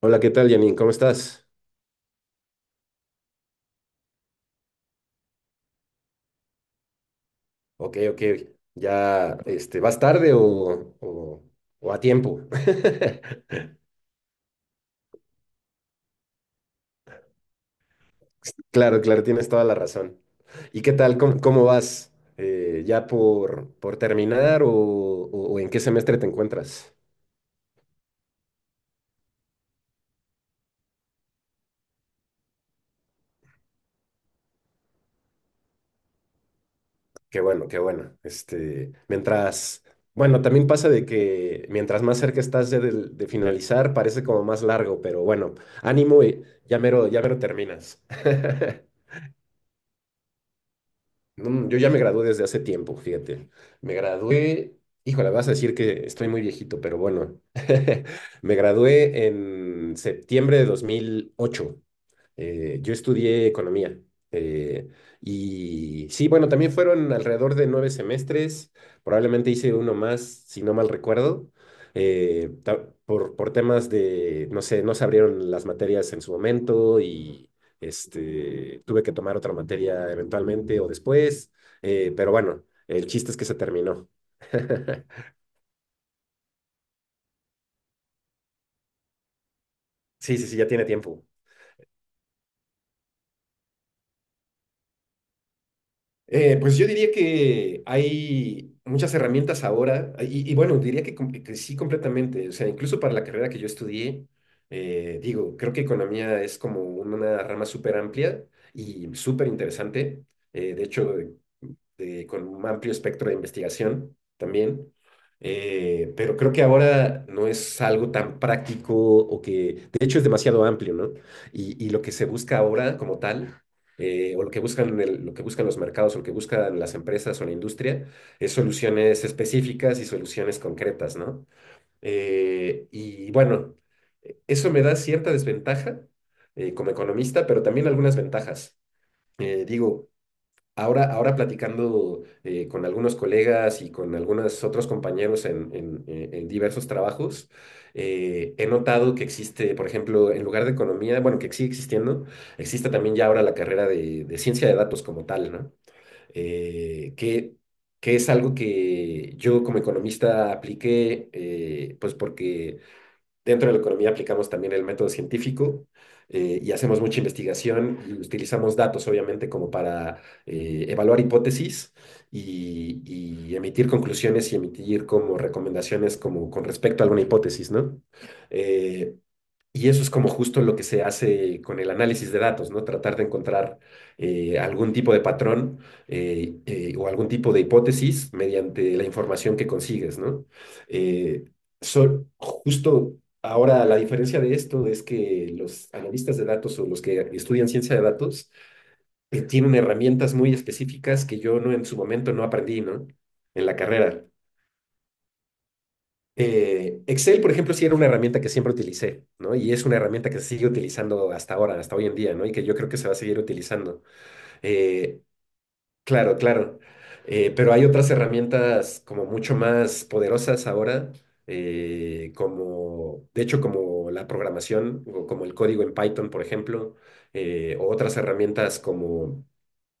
Hola, ¿qué tal, Janine? ¿Cómo estás? Ok, ok. ¿Ya vas tarde o a tiempo? Claro, claro, tienes toda la razón. ¿Y qué tal? ¿Cómo vas? ¿Ya por terminar o en qué semestre te encuentras? Qué bueno, qué bueno. Mientras, bueno, también pasa de que mientras más cerca estás de finalizar, parece como más largo, pero bueno, ánimo y ya mero terminas. Yo ya me gradué desde hace tiempo, fíjate. Me gradué, híjole, vas a decir que estoy muy viejito, pero bueno, me gradué en septiembre de 2008. Yo estudié economía. eh, y sí, bueno, también fueron alrededor de 9 semestres. Probablemente hice uno más, si no mal recuerdo. Por temas de, no sé, no se abrieron las materias en su momento y tuve que tomar otra materia eventualmente o después. Pero bueno, el chiste es que se terminó. Sí, sí, sí, ya tiene tiempo. Pues yo diría que hay muchas herramientas ahora, y bueno, diría que, que sí completamente, o sea, incluso para la carrera que yo estudié, digo, creo que economía es como una rama súper amplia y súper interesante. De hecho, con un amplio espectro de investigación también. Pero creo que ahora no es algo tan práctico o que, de hecho, es demasiado amplio, ¿no? Y lo que se busca ahora como tal, o lo que lo que buscan los mercados, o lo que buscan las empresas o la industria, es soluciones específicas y soluciones concretas, ¿no? Y bueno, eso me da cierta desventaja como economista, pero también algunas ventajas. Digo, ahora platicando con algunos colegas y con algunos otros compañeros en diversos trabajos, he notado que existe, por ejemplo, en lugar de economía, bueno, que sigue existiendo, existe también ya ahora la carrera de ciencia de datos como tal, ¿no? Eh, que, que es algo que yo como economista apliqué, pues porque dentro de la economía aplicamos también el método científico y hacemos mucha investigación y utilizamos datos, obviamente, como para evaluar hipótesis y emitir conclusiones y emitir como recomendaciones como con respecto a alguna hipótesis, ¿no? Eh, y eso es como justo lo que se hace con el análisis de datos, ¿no? Tratar de encontrar algún tipo de patrón o algún tipo de hipótesis mediante la información que consigues, ¿no? Eh, Justo ahora, la diferencia de esto es que los analistas de datos o los que estudian ciencia de datos tienen herramientas muy específicas que yo no en su momento no aprendí, ¿no? En la carrera. Excel, por ejemplo, sí era una herramienta que siempre utilicé, ¿no? Y es una herramienta que se sigue utilizando hasta ahora, hasta hoy en día, ¿no? Y que yo creo que se va a seguir utilizando. Eh, Claro, claro. Pero hay otras herramientas como mucho más poderosas ahora, como, de hecho, como la programación, o como el código en Python, por ejemplo, o otras herramientas como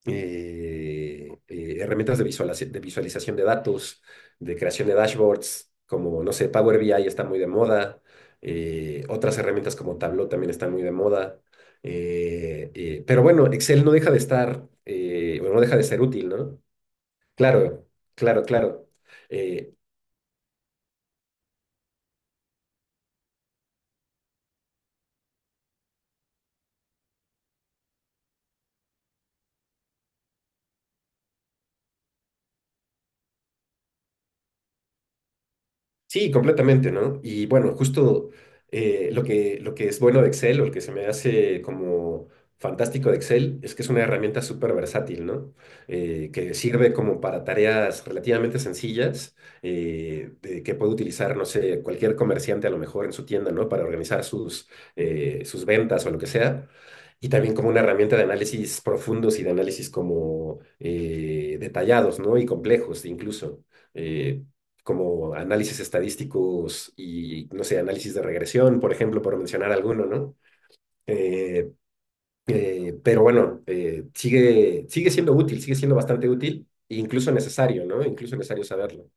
herramientas de visualización de datos, de creación de dashboards, como, no sé, Power BI está muy de moda, otras herramientas como Tableau también están muy de moda, pero bueno, Excel no deja de estar, o no deja de ser útil, ¿no? Claro, claro, claro. Eh, Sí, completamente, ¿no? Y bueno, justo lo que es bueno de Excel o lo que se me hace como fantástico de Excel es que es una herramienta súper versátil, ¿no? Que sirve como para tareas relativamente sencillas que puede utilizar, no sé, cualquier comerciante a lo mejor en su tienda, ¿no? Para organizar sus ventas o lo que sea. Y también como una herramienta de análisis profundos y de análisis como detallados, ¿no? Y complejos incluso. Eh, Como análisis estadísticos y, no sé, análisis de regresión, por ejemplo, por mencionar alguno, ¿no? Eh, pero bueno, sigue siendo útil, sigue siendo bastante útil, e incluso necesario, ¿no? Incluso necesario saberlo.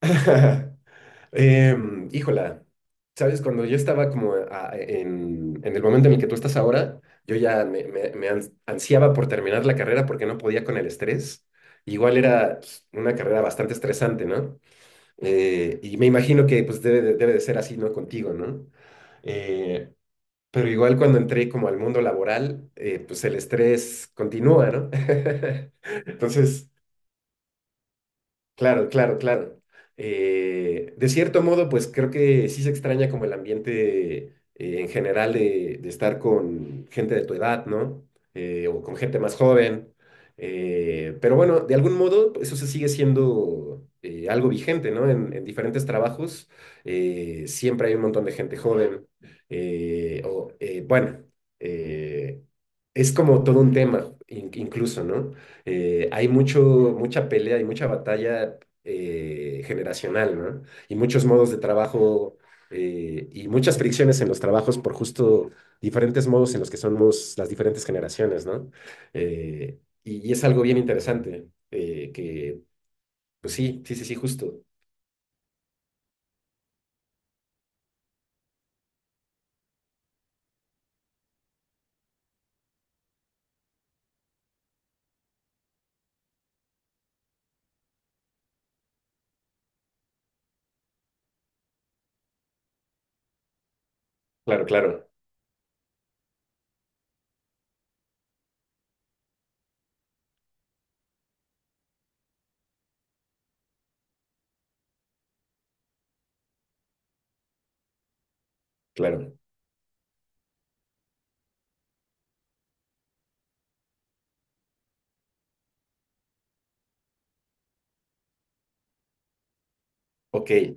Híjola, ¿sabes? Cuando yo estaba como en el momento en el que tú estás ahora, yo ya ansiaba por terminar la carrera porque no podía con el estrés. Igual era pues, una carrera bastante estresante, ¿no? Y me imagino que pues debe de ser así, ¿no? Contigo, ¿no? Eh, pero igual cuando entré como al mundo laboral, pues el estrés continúa, ¿no? Entonces. Claro, claro, claro. De cierto modo, pues creo que sí se extraña como el ambiente en general de estar con gente de tu edad, ¿no? O con gente más joven. Pero bueno, de algún modo pues, eso se sigue siendo algo vigente, ¿no? En diferentes trabajos siempre hay un montón de gente joven. Bueno, eh, es como todo un tema incluso, ¿no? Hay mucha pelea y mucha batalla generacional, ¿no? Y muchos modos de trabajo y muchas fricciones en los trabajos por justo diferentes modos en los que somos las diferentes generaciones, ¿no? Y es algo bien interesante, pues sí, sí, sí, sí, justo. Claro, claro, claro. Ok.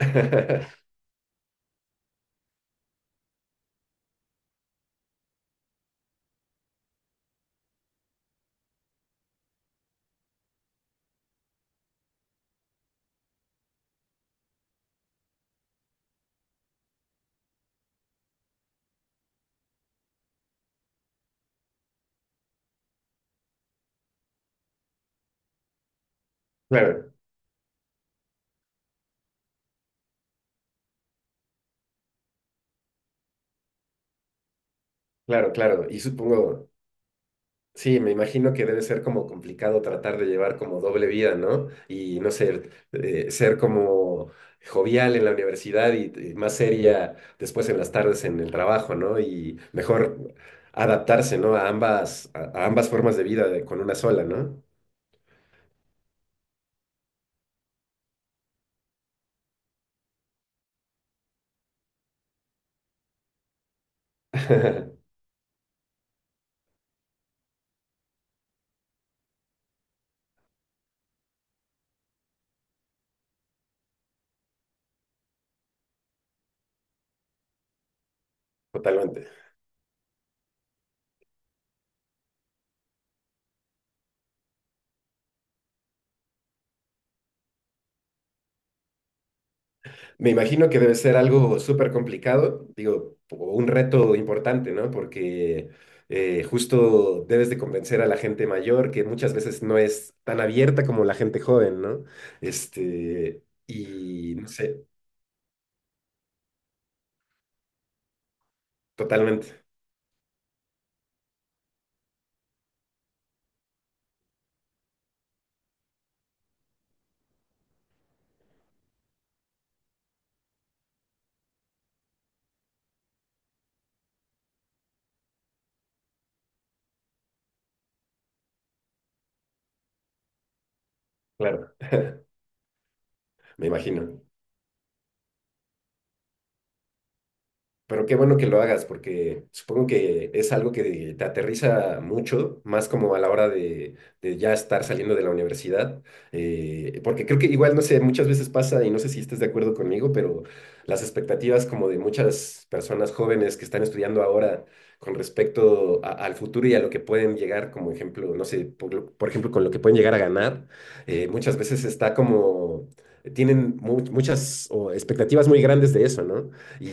Claro, claro, claro. Y supongo. Sí, me imagino que debe ser como complicado tratar de llevar como doble vida, ¿no? Y no sé, ser como jovial en la universidad y más seria después en las tardes en el trabajo, ¿no? Y mejor adaptarse, ¿no? A ambas, a ambas formas de vida con una sola, ¿no? Totalmente. Me imagino que debe ser algo súper complicado, digo, o un reto importante, ¿no? Porque justo debes de convencer a la gente mayor que muchas veces no es tan abierta como la gente joven, ¿no? Y no sé, totalmente, claro, me imagino. Pero qué bueno que lo hagas, porque supongo que es algo que te aterriza mucho, más como a la hora de ya estar saliendo de la universidad, porque creo que igual, no sé, muchas veces pasa, y no sé si estés de acuerdo conmigo, pero las expectativas como de muchas personas jóvenes que están estudiando ahora con respecto al futuro y a lo que pueden llegar, como ejemplo, no sé, por ejemplo, con lo que pueden llegar a ganar, muchas veces está como, tienen muchas expectativas muy grandes de eso, ¿no? y,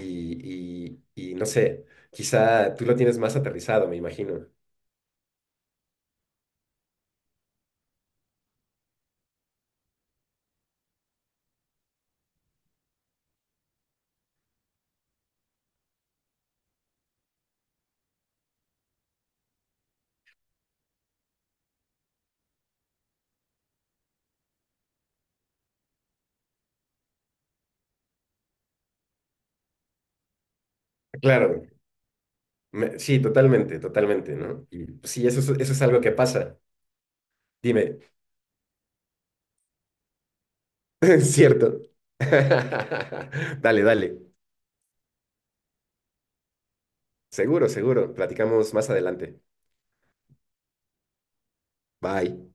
y, y no sé, quizá tú lo tienes más aterrizado, me imagino. Claro, sí, totalmente, totalmente, ¿no? Y pues, sí, eso es algo que pasa. Dime, ¿cierto? Dale, dale. Seguro, seguro. Platicamos más adelante. Bye.